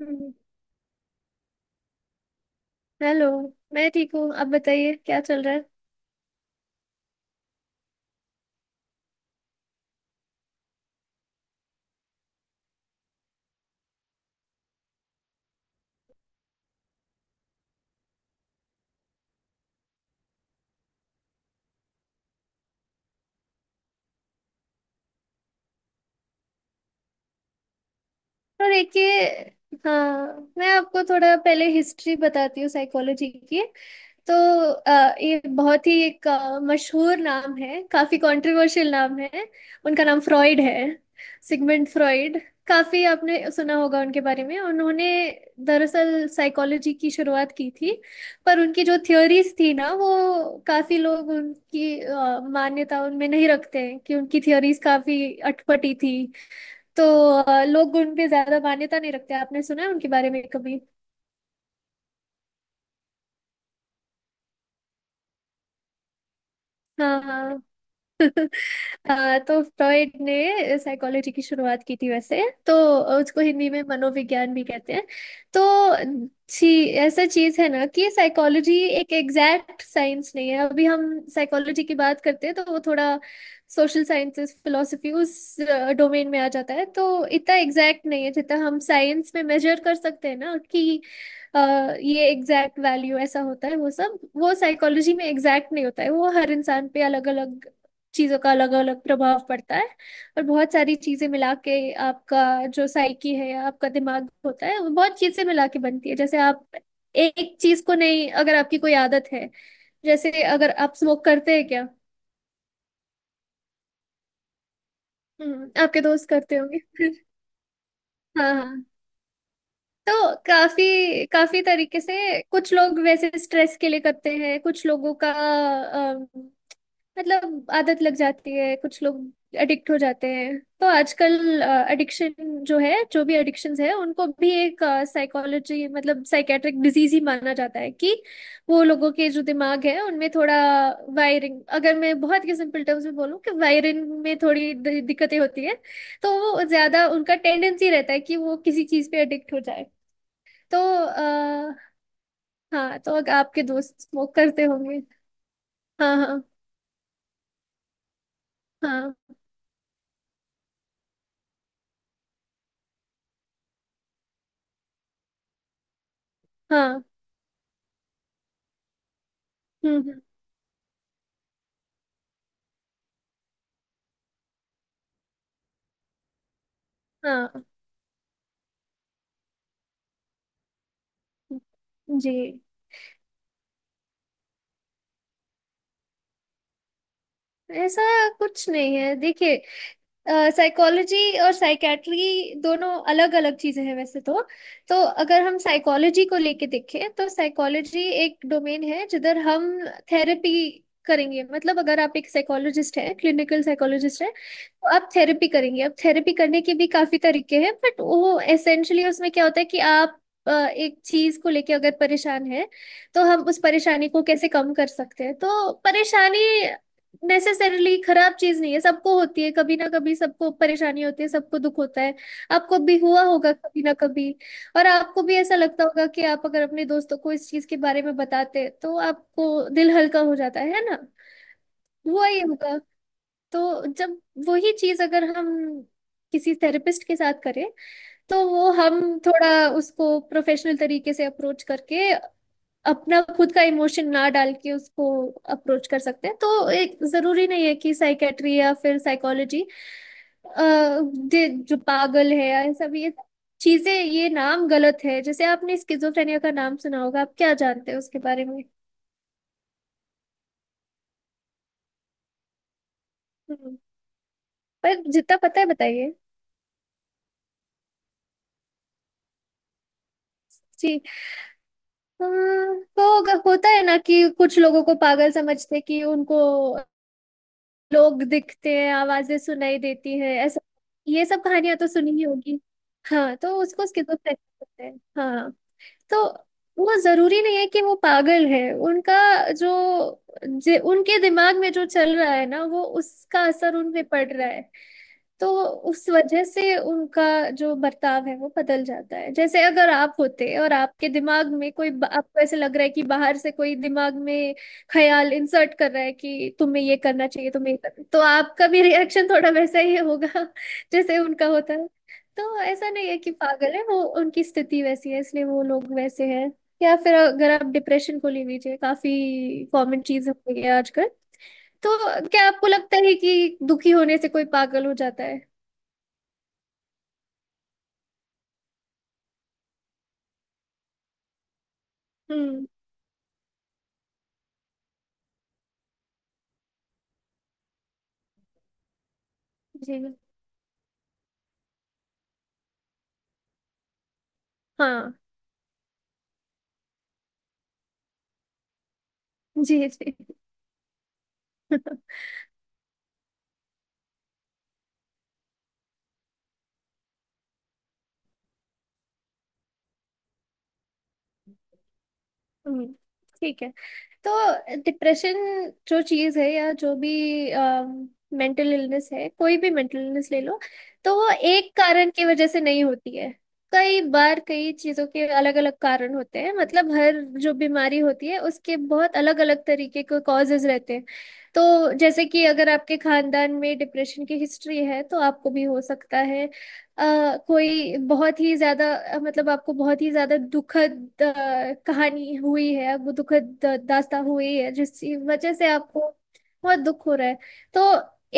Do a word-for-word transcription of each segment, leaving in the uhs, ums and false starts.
हम्म। Hello. मैं ठीक हूँ आप बताइए क्या चल रहा है। तो देखिए हाँ मैं आपको थोड़ा पहले हिस्ट्री बताती हूँ साइकोलॉजी की। तो अ, ये बहुत ही एक अ, मशहूर नाम है काफी कंट्रोवर्शियल नाम है। उनका नाम फ्रॉइड है। Sigmund Freud. काफी आपने सुना होगा उनके बारे में उन्होंने दरअसल साइकोलॉजी की शुरुआत की थी। पर उनकी जो थ्योरीज थी ना वो काफी लोग उनकी अ, मान्यता उनमें नहीं रखते हैं कि उनकी थ्योरीज काफी अटपटी थी। तो अ, लोग उन पे ज्यादा मान्यता नहीं रखते आपने सुना है उनके बारे में कभी। हाँ हाँ। अ, तो फ्रॉइड ने साइकोलॉजी की शुरुआत की थी वैसे। तो उसको हिंदी में मनोविज्ञान भी कहते हैं। तो ची, ऐसा चीज है ना कि साइकोलॉजी एक एग्जैक्ट साइंस नहीं है। अभी हम साइकोलॉजी की बात करते हैं तो वो थोड़ा सोशल साइंसेस फिलोसफी उस डोमेन में आ जाता है। तो इतना एग्जैक्ट नहीं है जितना हम साइंस में मेजर कर सकते हैं ना कि अ, ये एग्जैक्ट वैल्यू ऐसा होता है वो सब वो साइकोलॉजी में एग्जैक्ट नहीं होता है। वो हर इंसान पे अलग अलग चीज़ों का अलग अलग प्रभाव पड़ता है और बहुत सारी चीज़ें मिला के आपका जो साइकी है आपका दिमाग होता है वो बहुत चीज़ें मिला के बनती है। जैसे आप एक चीज़ को नहीं अगर आपकी कोई आदत है। जैसे अगर आप स्मोक करते हैं क्या। हम्म आपके दोस्त करते होंगे हाँ हाँ। तो काफी काफी तरीके से कुछ लोग वैसे स्ट्रेस के लिए करते हैं कुछ लोगों का मतलब आदत लग जाती है कुछ लोग एडिक्ट हो जाते हैं। तो आजकल एडिक्शन जो है जो भी एडिक्शंस है उनको भी एक साइकोलॉजी मतलब साइकेट्रिक डिजीज ही माना जाता है कि वो लोगों के जो दिमाग है उनमें थोड़ा वायरिंग अगर मैं बहुत ही सिंपल टर्म्स में बोलूँ कि वायरिंग में थोड़ी दि- दिक्कतें होती है। तो वो ज्यादा उनका टेंडेंसी रहता है कि वो किसी चीज पे एडिक्ट हो जाए। तो आ, हाँ तो अगर आपके दोस्त स्मोक करते होंगे। हाँ हाँ हाँ हाँ। हम्म हम्म। हाँ। जी। ऐसा कुछ नहीं है देखिए। साइकोलॉजी और साइकेट्री दोनों अलग अलग चीजें हैं वैसे तो। तो अगर हम साइकोलॉजी को लेके देखें तो साइकोलॉजी एक डोमेन है जिधर हम थेरेपी करेंगे। मतलब अगर आप एक साइकोलॉजिस्ट हैं क्लिनिकल साइकोलॉजिस्ट हैं तो आप थेरेपी करेंगे। अब थेरेपी करने के भी काफी तरीके हैं बट वो एसेंशली उसमें क्या होता है कि आप अ, एक चीज को लेके अगर परेशान है तो हम उस परेशानी को कैसे कम कर सकते हैं। तो परेशानी नेसेसरीली खराब चीज नहीं है सबको होती है कभी ना कभी सबको परेशानी होती है सबको दुख होता है। आपको भी हुआ होगा कभी ना कभी। और आपको भी ऐसा लगता होगा कि आप अगर अपने दोस्तों को इस चीज के बारे में बताते तो आपको दिल हल्का हो जाता है है ना। हुआ ही होगा। तो जब वही चीज अगर हम किसी थेरेपिस्ट के साथ करें तो वो हम थोड़ा उसको प्रोफेशनल तरीके से अप्रोच करके अपना खुद का इमोशन ना डाल के उसको अप्रोच कर सकते हैं। तो एक जरूरी नहीं है कि साइकेट्री या फिर साइकोलॉजी जो पागल है या ये सब ये चीजें ये नाम गलत है। जैसे आपने स्किजोफ्रेनिया का नाम सुना होगा आप क्या जानते हैं उसके बारे में। हम्म, पर जितना पता है बताइए। जी। हाँ, तो होगा- होता है ना कि कुछ लोगों को पागल समझते हैं कि उनको लोग दिखते हैं आवाजें सुनाई देती हैं ऐसा। ये सब कहानियां तो सुनी ही होगी। हाँ तो उसको स्किजोफ्रेनिया कहते हैं हाँ। तो वो जरूरी नहीं है कि वो पागल है। उनका जो जे, उनके दिमाग में जो चल रहा है ना वो उसका असर उन पे पड़ रहा है। तो उस वजह से उनका जो बर्ताव है वो बदल जाता है। जैसे अगर आप होते और आपके दिमाग में कोई आपको ऐसे लग रहा है कि बाहर से कोई दिमाग में ख्याल इंसर्ट कर रहा है कि तुम्हें ये करना चाहिए तुम्हें ये करना तो आपका भी रिएक्शन थोड़ा वैसा ही होगा जैसे उनका होता है। तो ऐसा नहीं है कि पागल है वो उनकी स्थिति वैसी है इसलिए वो लोग वैसे हैं। या फिर अगर आप डिप्रेशन को ले लीजिए काफी कॉमन चीज हो गई है आजकल। तो क्या आपको लगता है कि दुखी होने से कोई पागल हो जाता है। हम्म। जी। हाँ। जी जी। हम्म, ठीक है। तो डिप्रेशन जो चीज़ है या जो भी मेंटल इलनेस है कोई भी मेंटल इलनेस ले लो। तो वो एक कारण की वजह से नहीं होती है। कई बार कई चीज़ों के अलग अलग कारण होते हैं मतलब हर जो बीमारी होती है उसके बहुत अलग अलग तरीके के कॉजेज रहते हैं। तो जैसे कि अगर आपके खानदान में डिप्रेशन की हिस्ट्री है तो आपको भी हो सकता है। अ, कोई बहुत ही ज्यादा अ, मतलब आपको बहुत ही ज्यादा दुखद अ, कहानी हुई है आपको दुखद अ, दास्तां हुई है जिसकी वजह से आपको बहुत दुख हो रहा है। तो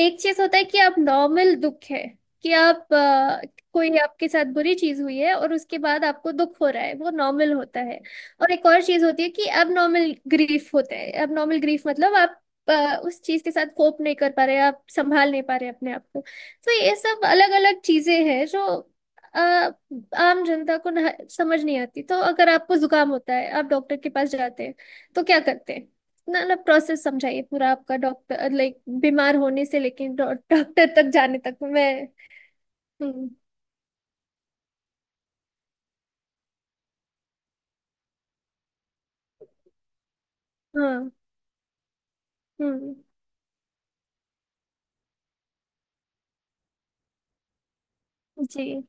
एक चीज होता है कि आप नॉर्मल दुख है कि आप अ, कोई आपके साथ बुरी चीज हुई है और उसके बाद आपको दुख हो रहा है वो नॉर्मल होता है। और एक और चीज होती है कि अब नॉर्मल ग्रीफ होता है अब नॉर्मल ग्रीफ मतलब आप अ, उस चीज के साथ कोप नहीं कर पा रहे आप संभाल नहीं पा रहे अपने आप को। तो ये सब अलग अलग चीजें हैं जो अ, आम जनता को ना समझ नहीं आती। तो अगर आपको जुकाम होता है आप डॉक्टर के पास जाते हैं तो क्या करते हैं। ना ना प्रोसेस समझाइए पूरा आपका डॉक्टर लाइक बीमार होने से लेकिन डॉ- डॉक्टर तक जाने तक मैं। हम्म। हाँ। हम्म। जी।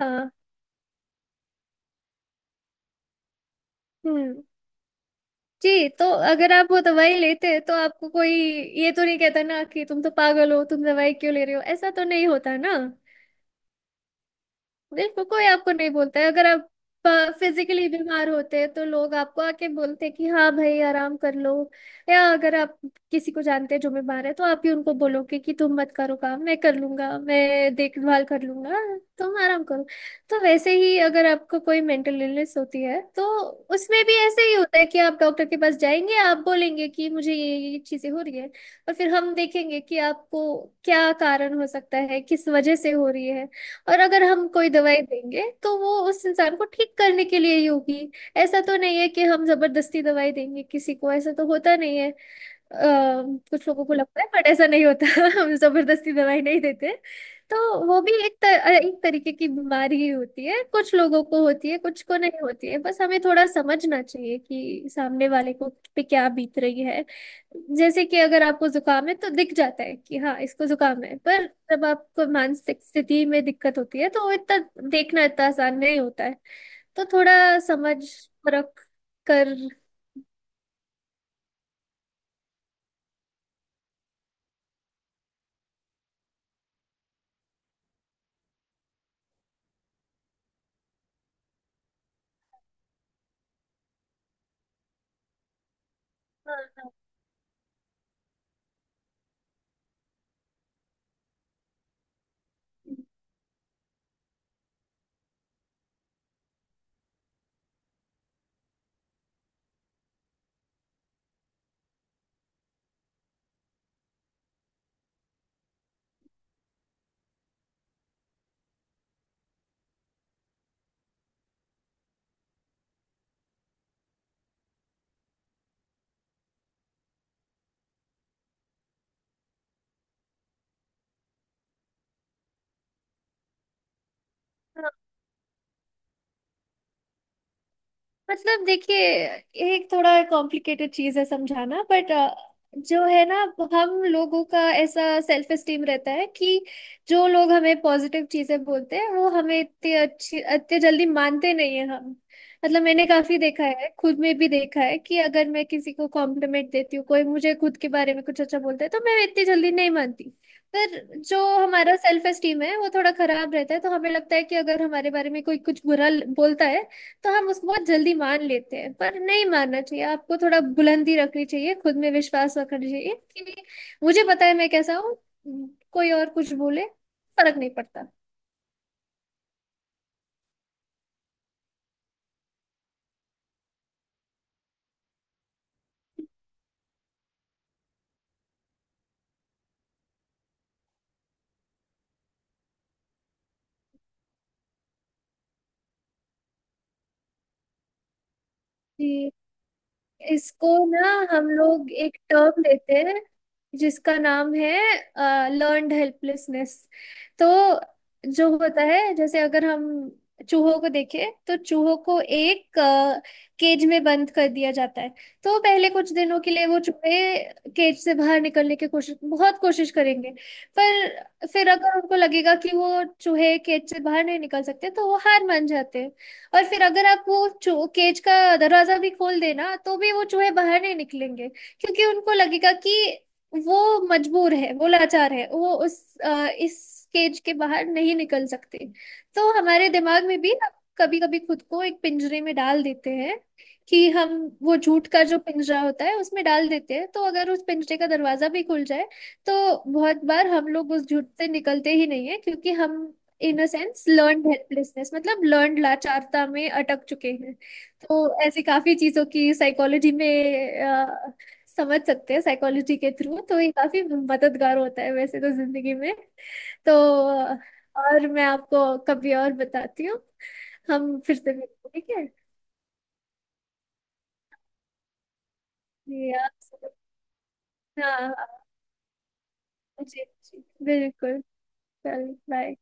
हाँ। हम्म। जी। तो अगर आप वो दवाई लेते हैं तो आपको कोई ये तो नहीं कहता ना कि तुम तो पागल हो तुम दवाई क्यों ले रहे हो ऐसा तो नहीं होता ना। देखो कोई आपको नहीं बोलता है अगर आप फिजिकली बीमार होते हैं तो लोग आपको आके बोलते हैं कि हाँ भाई आराम कर लो। या अगर आप किसी को जानते हैं जो बीमार है तो आप ही उनको बोलोगे कि तुम मत करो काम मैं कर लूंगा मैं देखभाल कर लूंगा तुम आराम करो। तो वैसे ही अगर आपको कोई मेंटल इलनेस होती है तो उसमें भी ऐसे ही होता है कि आप डॉक्टर के पास जाएंगे आप बोलेंगे कि मुझे ये ये चीजें हो रही है और फिर हम देखेंगे कि आपको क्या कारण हो सकता है किस वजह से हो रही है। और अगर हम कोई दवाई देंगे तो वो उस इंसान को ठीक करने के लिए ही होगी। ऐसा तो नहीं है कि हम जबरदस्ती दवाई देंगे किसी को ऐसा तो होता नहीं है। अ, कुछ लोगों को लगता है बट ऐसा नहीं होता हम जबरदस्ती दवाई नहीं देते। तो वो भी एक त, एक तरीके की बीमारी ही होती है कुछ लोगों को होती है कुछ को नहीं होती है बस हमें थोड़ा समझना चाहिए कि सामने वाले को पे क्या बीत रही है। जैसे कि अगर आपको जुकाम है तो दिख जाता है कि हाँ इसको जुकाम है पर जब आपको मानसिक स्थिति में दिक्कत होती है तो वो इतना देखना इतना आसान नहीं होता है। तो थोड़ा समझ परख कर मतलब देखिए ये एक थोड़ा कॉम्प्लिकेटेड चीज है समझाना बट जो है ना हम लोगों का ऐसा सेल्फ एस्टीम रहता है कि जो लोग हमें पॉजिटिव चीजें बोलते हैं वो हमें इतने अच्छी इतने जल्दी मानते नहीं है हम। मतलब मैंने काफी देखा है खुद में भी देखा है कि अगर मैं किसी को कॉम्प्लीमेंट देती हूँ कोई मुझे खुद के बारे में कुछ अच्छा बोलता है तो मैं इतनी जल्दी नहीं मानती। पर जो हमारा सेल्फ एस्टीम है वो थोड़ा खराब रहता है तो हमें लगता है कि अगर हमारे बारे में कोई कुछ बुरा बोलता है तो हम उसको बहुत जल्दी मान लेते हैं। पर नहीं मानना चाहिए आपको थोड़ा बुलंदी रखनी चाहिए खुद में विश्वास रखना चाहिए कि मुझे पता है मैं कैसा हूँ। कोई और कुछ बोले फर्क नहीं पड़ता। जी। इसको ना हम लोग एक टर्म देते हैं जिसका नाम है लर्न्ड हेल्पलेसनेस। तो जो होता है जैसे अगर हम चूहों को देखें तो चूहों को एक केज में बंद कर दिया जाता है। तो पहले कुछ दिनों के लिए वो चूहे केज से बाहर निकलने की कोशिश बहुत कोशिश करेंगे। पर फिर अगर उनको लगेगा कि वो चूहे केज से बाहर नहीं निकल सकते तो वो हार मान जाते हैं। और फिर अगर आप वो चो केज का दरवाजा भी खोल देना तो भी वो चूहे बाहर नहीं निकलेंगे क्योंकि उनको लगेगा कि वो मजबूर है वो लाचार है वो उस अ, इस केज के बाहर नहीं निकल सकते। तो हमारे दिमाग में भी हम कभी कभी खुद को एक पिंजरे में डाल देते हैं कि हम वो झूठ का जो पिंजरा होता है उसमें डाल देते हैं। तो अगर उस पिंजरे का दरवाजा भी खुल जाए तो बहुत बार हम लोग उस झूठ से निकलते ही नहीं है क्योंकि हम in a sense learned helplessness मतलब लर्न्ड लाचारता में अटक चुके हैं। तो ऐसी काफी चीजों की साइकोलॉजी में अ, समझ सकते हैं साइकोलॉजी के थ्रू। तो ये काफी मददगार होता है वैसे तो जिंदगी में। तो अ, और मैं आपको कभी और बताती हूँ। हम फिर से मिलते हैं, ठीक है। जी आप। हाँ हाँ। जी जी बिल्कुल। चल बाय।